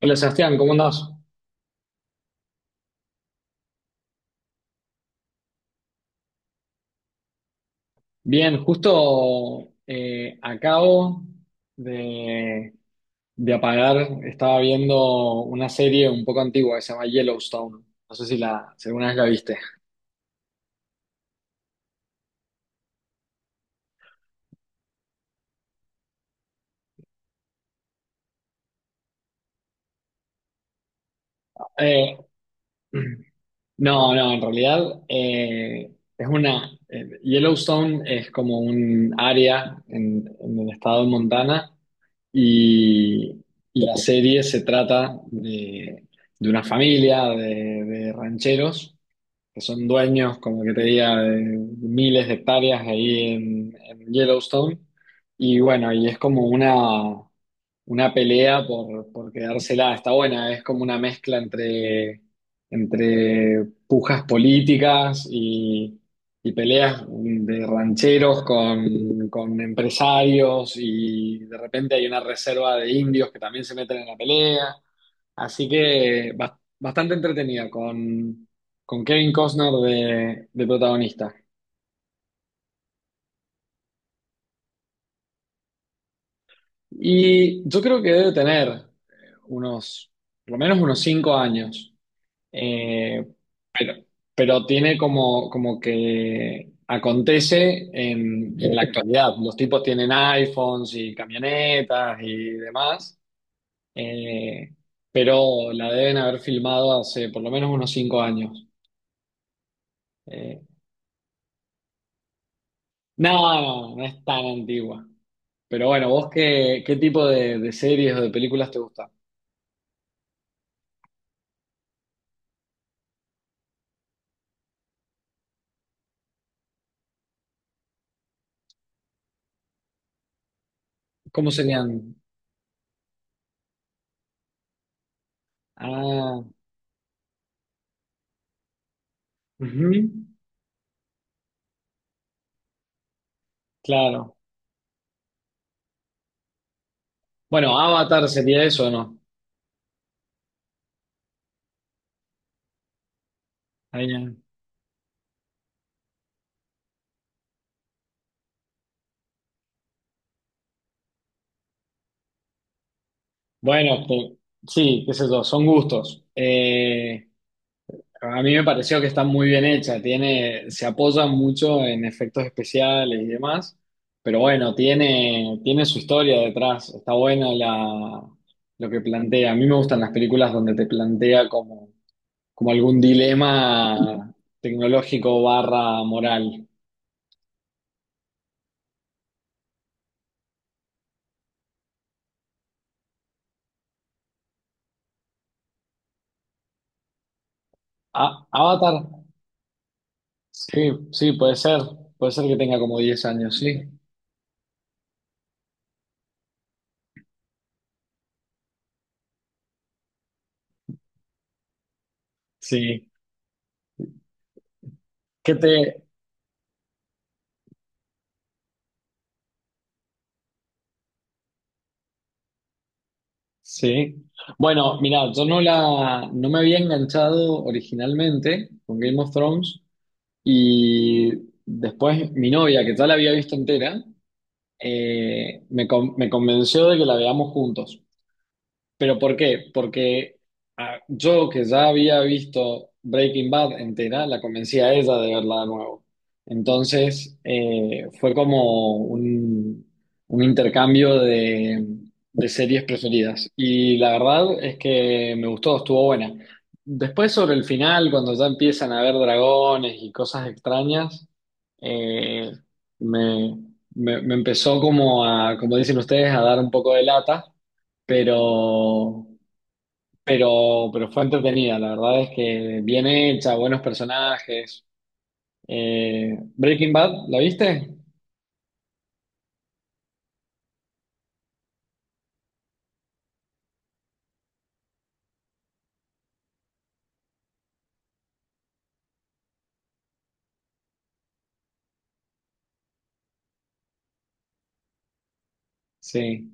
Hola Sebastián, ¿cómo andás? Bien, justo acabo de, de apagar, estaba viendo una serie un poco antigua que se llama Yellowstone. No sé si alguna vez la viste. Eh, no, en realidad es una. Yellowstone es como un área en el estado de Montana y, y la serie se trata de una familia de rancheros que son dueños, como que te diga, de miles de hectáreas ahí en Yellowstone. Y bueno, y es como una pelea por quedársela, está buena, es como una mezcla entre pujas políticas y peleas de rancheros con empresarios y de repente hay una reserva de indios que también se meten en la pelea. Así que bastante entretenida, con Kevin Costner de protagonista. Y yo creo que debe tener unos, por lo menos unos 5 años. Eh, pero, pero tiene como, como que acontece en la actualidad. Los tipos tienen iPhones y camionetas y demás. Eh, pero la deben haber filmado hace por lo menos unos cinco años. Eh, No, no, no es tan antigua. Pero bueno, ¿vos qué, qué tipo de series o de películas te gusta? ¿Cómo serían? Ah, ujú, claro. Bueno, Avatar sería eso, ¿o no? Ahí, eh. Bueno, sí, qué sé yo, son gustos. A mí me pareció que está muy bien hecha, tiene, se apoya mucho en efectos especiales y demás, pero bueno, tiene, tiene su historia detrás, está buena lo que plantea. A mí me gustan las películas donde te plantea como, como algún dilema tecnológico barra moral. Ah, Avatar, sí, sí, puede ser que tenga como 10 años, sí, sí. ¿Qué te, Sí. Bueno, mira, yo no me había enganchado originalmente con Game of Thrones y después mi novia, que ya la había visto entera, me convenció de que la veamos juntos. ¿Pero por qué? Porque yo que ya había visto Breaking Bad entera, la convencí a ella de verla de nuevo. Entonces fue como un intercambio de series preferidas. Y la verdad es que me gustó, estuvo buena. Después sobre el final, cuando ya empiezan a ver dragones y cosas extrañas, eh, me, me empezó como a, como dicen ustedes, a dar un poco de lata pero, pero fue entretenida. La verdad es que bien hecha, buenos personajes. Breaking Bad, ¿la viste? Sí.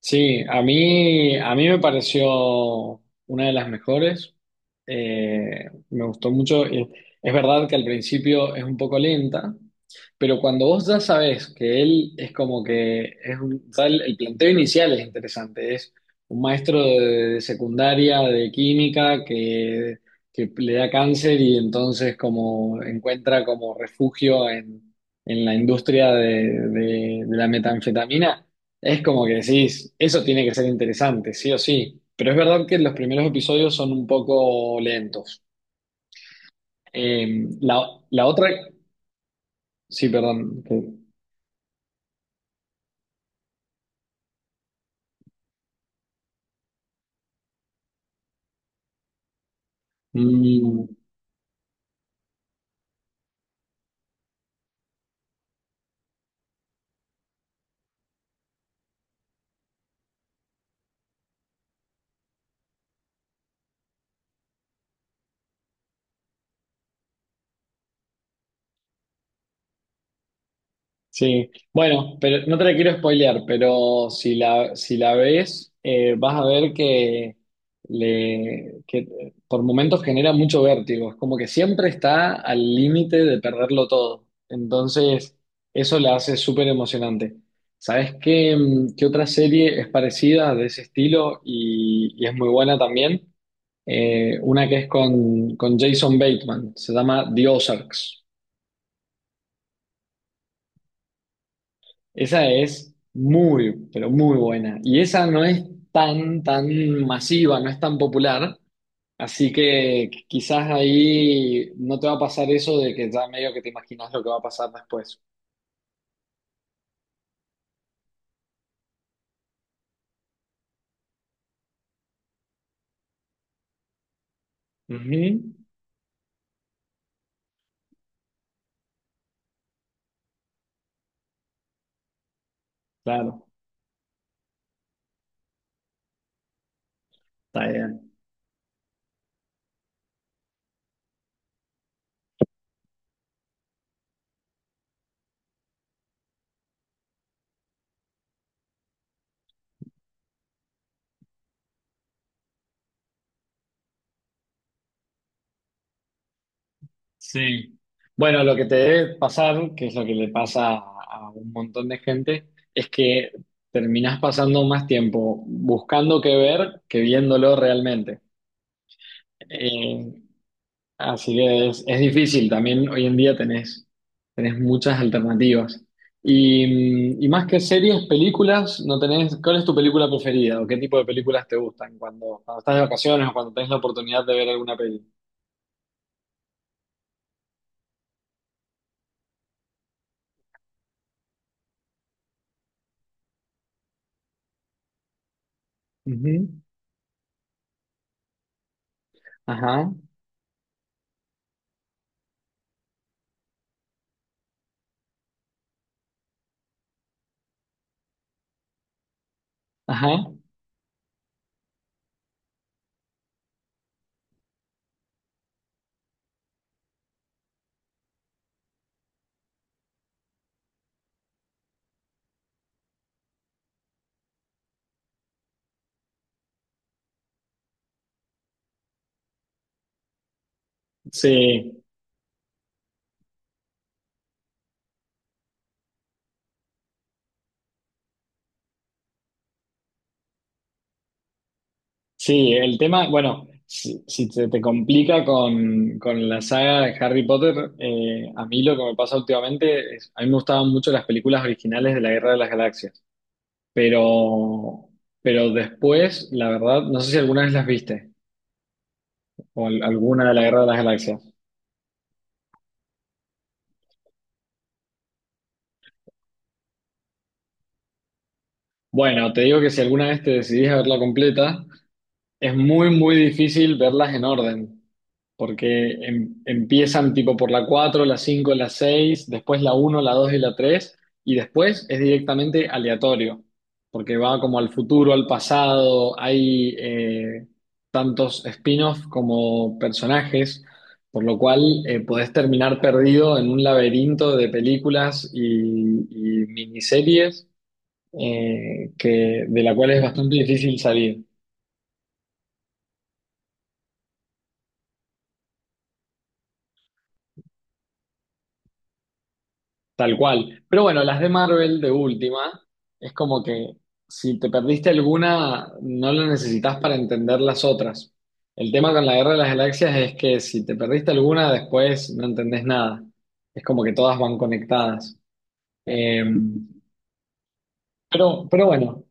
Sí, a mí me pareció una de las mejores. Me gustó mucho. Es verdad que al principio es un poco lenta, pero cuando vos ya sabés que él es como que es un, ya el planteo inicial es interesante. Es un maestro de secundaria de que le da cáncer y entonces como encuentra como refugio en la industria de la metanfetamina. Es como que decís, eso tiene que ser interesante, sí o sí. Pero es verdad que los primeros episodios son un poco lentos. Eh, la, la otra, sí, perdón. Mm. Sí, bueno, pero no te la quiero spoilear, pero si la ves, vas a ver que por momentos genera mucho vértigo, es como que siempre está al límite de perderlo todo, entonces eso la hace súper emocionante. ¿Sabes qué, mm, qué otra serie es parecida de ese estilo y es muy buena también? Una que es con Jason Bateman, se llama The Ozarks. Esa es muy, pero muy buena. Y esa no es tan masiva, no es tan popular. Así que quizás ahí no te va a pasar eso de que ya medio que te imaginas lo que va a pasar después. Ujú. Claro, está bien. Sí. Bueno, lo que te debe pasar, que es lo que le pasa a un montón de gente, es que terminás pasando más tiempo buscando qué ver que viéndolo realmente. Eh, Así que es difícil también hoy en día tenés muchas alternativas. Y, y más que series, películas, no tenés, ¿cuál es tu película preferida o qué tipo de películas te gustan cuando, cuando estás de vacaciones o cuando tenés la oportunidad de ver alguna peli? Ujú. Ajá, ajá. Sí, sí, el tema, bueno, si se te complica con la saga de Harry Potter, a mí lo que me pasa últimamente es, a mí me gustaban mucho las películas originales de la Guerra de las Galaxias. Pero, pero después, la verdad, no sé si alguna vez las viste, o alguna de la Guerra de las Galaxias. Bueno, te digo que si alguna vez te decidís a verla completa, es muy, muy difícil verlas en orden, porque empiezan tipo por la 4, la 5, la 6, después la uno, la 2 y la 3 y después es directamente aleatorio, porque va como al futuro, al pasado, hay tantos spin-offs como personajes, por lo cual podés terminar perdido en un laberinto de películas y miniseries de la cual es bastante difícil salir. Tal cual. Pero bueno, las de Marvel de última, es como que si te perdiste alguna, no la necesitas para entender las otras. El tema con la Guerra de las Galaxias es que si te perdiste alguna, después no entendés nada. Es como que todas van conectadas. Eh, pero bueno,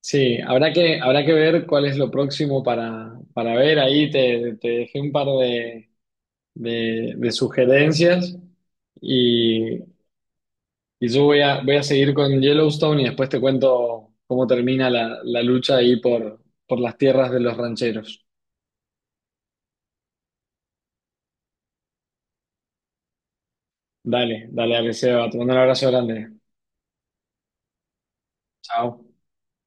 sí, habrá habrá que ver cuál es lo próximo para ver. Ahí te dejé un par de sugerencias. Y Y yo voy voy a seguir con Yellowstone y después te cuento cómo termina la lucha ahí por las tierras de los rancheros. Dale, dale, dale, Seba. Te mando un abrazo grande. Chao.